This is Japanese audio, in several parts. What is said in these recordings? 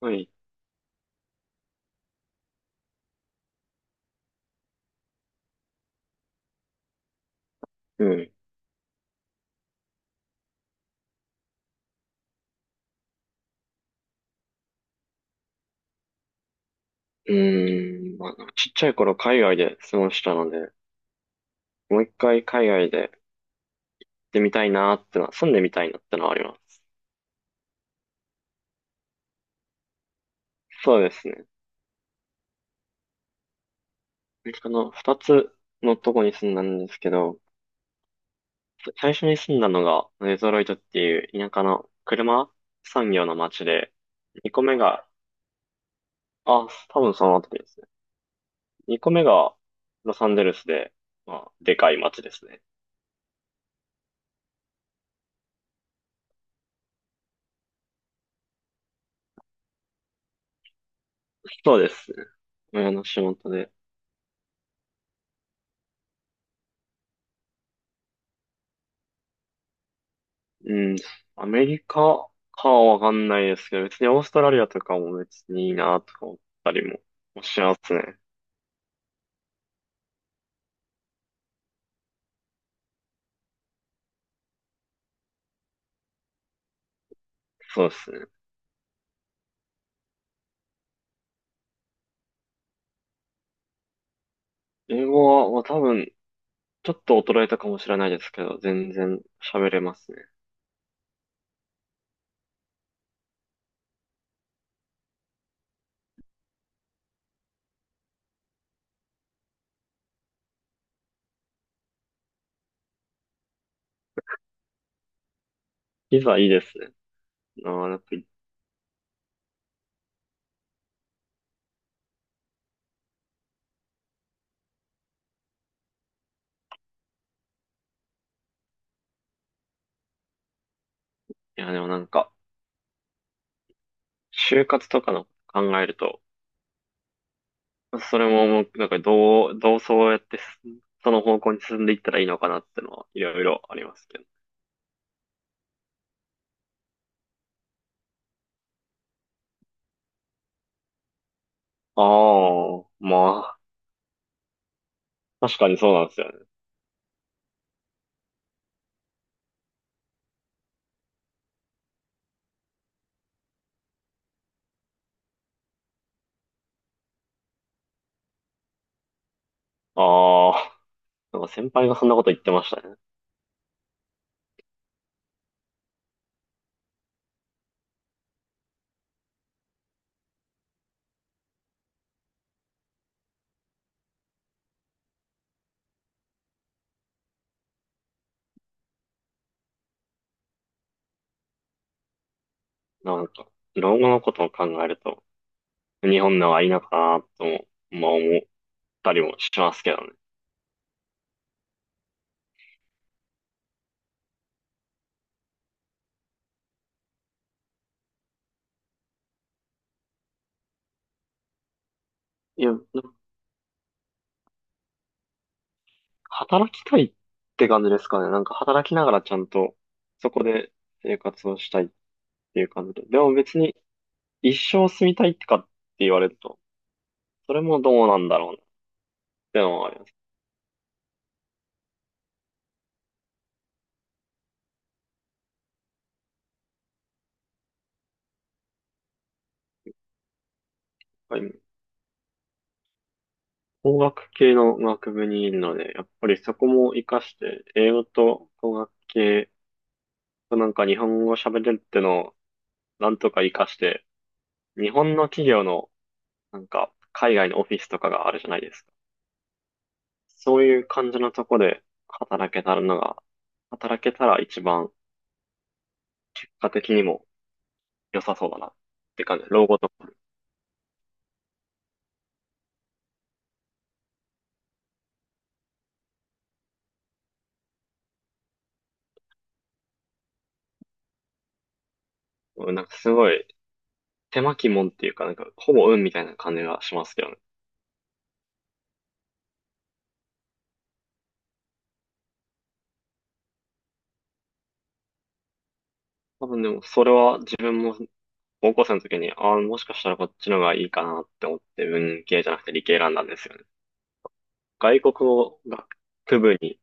はい。うん。うーん。まあ、なんかちっちゃい頃海外で過ごしたので、もう一回海外で行ってみたいなーってのは、住んでみたいなってのはあります。そうですね。アメリカの二つのとこに住んだんですけど、最初に住んだのがデトロイトっていう田舎の車産業の街で、二個目が、あ、多分その後ですね。二個目がロサンゼルスで、まあ、でかい街ですね。そうですね。親の仕事で。うん、アメリカかはわかんないですけど、別にオーストラリアとかも別にいいなとか思ったりもしますね。そうですね。英語は、まあ、多分、ちょっと衰えたかもしれないですけど、全然喋れますね。ピザいいですね。あやっぱいや、でもなんか、就活とかの考えると、それももう、なんかどうそうやってその方向に進んでいったらいいのかなってのは、いろいろありますけど。ああ、まあ、確かにそうなんですよね。ああ。なんか先輩がそんなこと言ってましたね。なんか、老後のことを考えると、日本の方がいいのかなとも、まあ思ったりもしますけどね。いや、働きたいって感じですかね。なんか働きながらちゃんと、そこで生活をしたいっていう感じで。でも別に一生住みたいってかって言われると、それもどうなんだろうなってのはあります。やっぱり工学系の学部にいるので、やっぱりそこも活かして、英語と工学系、なんか日本語喋れるってのをなんとか活かして、日本の企業の、なんか、海外のオフィスとかがあるじゃないですか。そういう感じのとこで働けたらのが、働けたら一番、結果的にも良さそうだなって感じ。老後とか。うん、なんかすごい、手巻きもんっていうか、なんか、ほぼ運みたいな感じがしますけどね。多分でも、それは自分も、高校生の時に、ああ、もしかしたらこっちの方がいいかなって思って、文系じゃなくて理系選んだんですよね。外国語学部に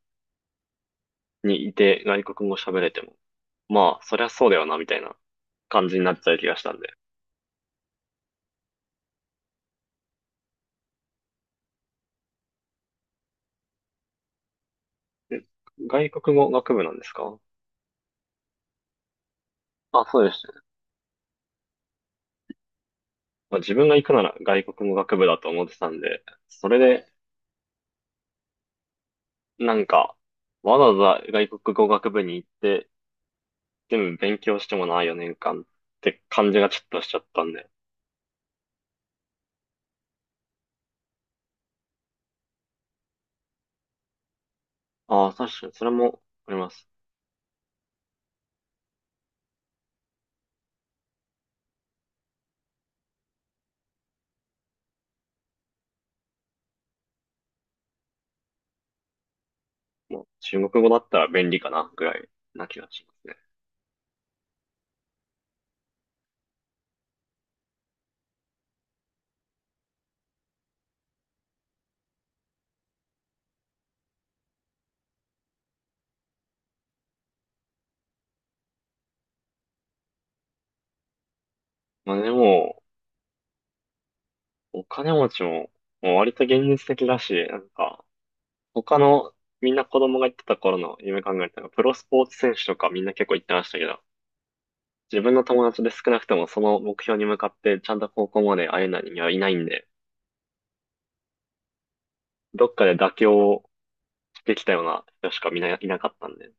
にいて外国語喋れても、まあ、そりゃそうだよな、みたいな感じになっちゃう気がしたんで。え、外国語学部なんですか？あ、そうでしたね。まあ、自分が行くなら外国語学部だと思ってたんで、それで、なんか、わざわざ外国語学部に行って、全部勉強してもな、4年間って感じがちょっとしちゃったんで。ああ、確かに、それもあります。もう中国語だったら便利かな、ぐらいな気がしますね。まあでも、お金持ちも、もう割と現実的だし、なんか、他のみんな子供が言ってた頃の夢考えたら、プロスポーツ選手とかみんな結構言ってましたけど、自分の友達で少なくともその目標に向かってちゃんと高校まで会えない人間はいないんで、どっかで妥協してきたような人しかみんないなかったんで、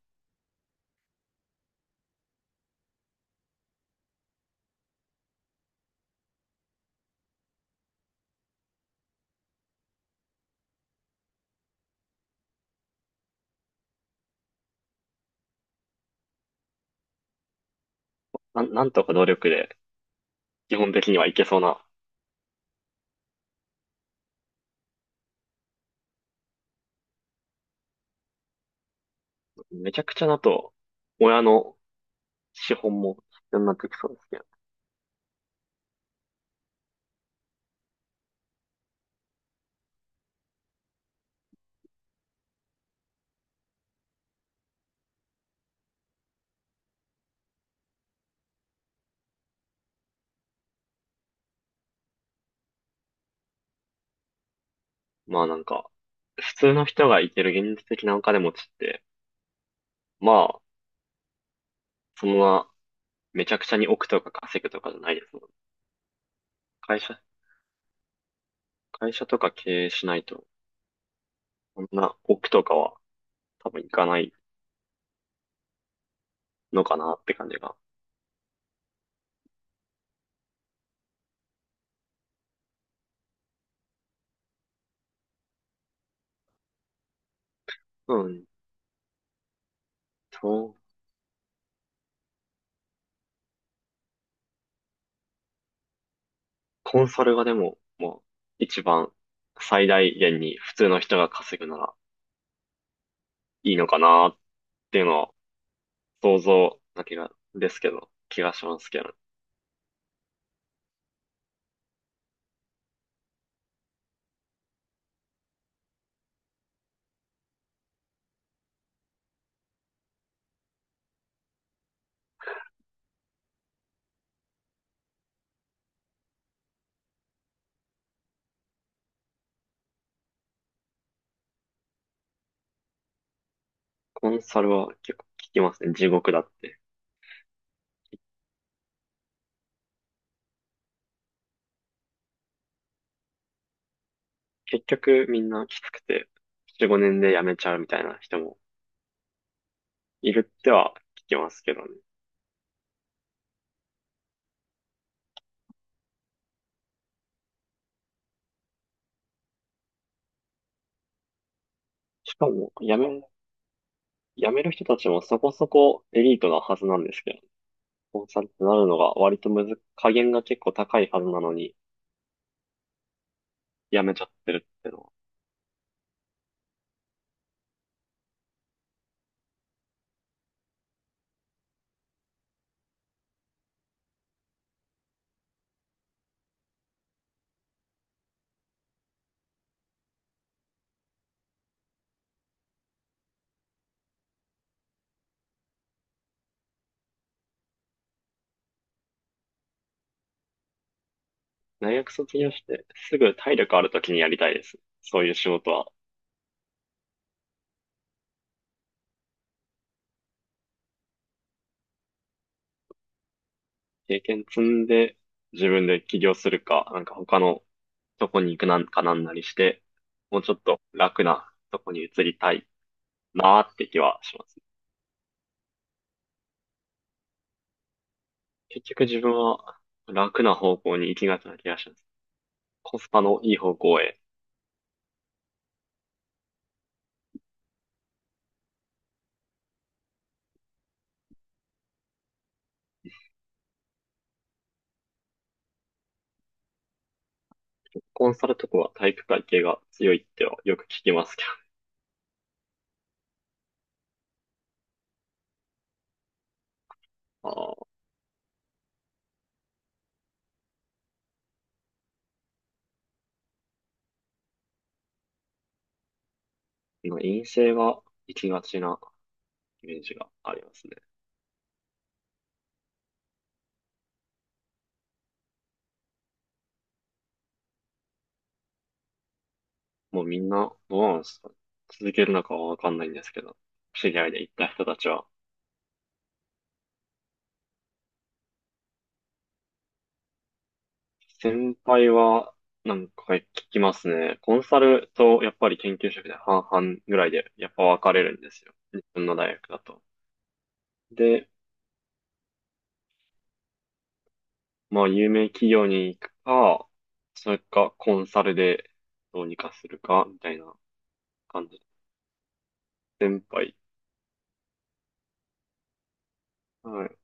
なんとか努力で基本的にはいけそうな、めちゃくちゃだと、親の資本も必要になってきそうですけど、まあなんか、普通の人がいける現実的なお金持ちって、まあ、そのままめちゃくちゃに億とか稼ぐとかじゃないですもんね。会社、会社とか経営しないと、そんな億とかは多分いかないのかなって感じが。うん。そう、コンサルがでも、もう一番最大限に普通の人が稼ぐならいいのかなっていうのは想像だけが、ですけど、気がしますけど。コンサルは結構聞きますね。地獄だって。結局みんなきつくて、4、5年で辞めちゃうみたいな人もいるっては聞きますけどね。しかも、辞める人たちもそこそこエリートなはずなんですけど、コンサルってなるのが割とむず、加減が結構高いはずなのに、辞めちゃってるってのは、大学卒業してすぐ体力ある時にやりたいです。そういう仕事は。経験積んで、自分で起業するか、なんか他のとこに行くなんかなんなりして、もうちょっと楽なとこに移りたいなーって気はします。結局自分は楽な方向に行きがちな気がします。コスパのいい方向へ。コンサルとかは体育会系が強いってはよく聞きますけど。ああ、まあ陰性が行きがちなイメージがありますね。もうみんな、どうなんですか、続けるのかはわかんないんですけど、知り合いで行った人たちは。先輩は、なんか聞きますね。コンサルとやっぱり研究職で半々ぐらいでやっぱ分かれるんですよ。日本の大学だと。で、まあ有名企業に行くか、それかコンサルでどうにかするかみたいな感じ。先輩。はい。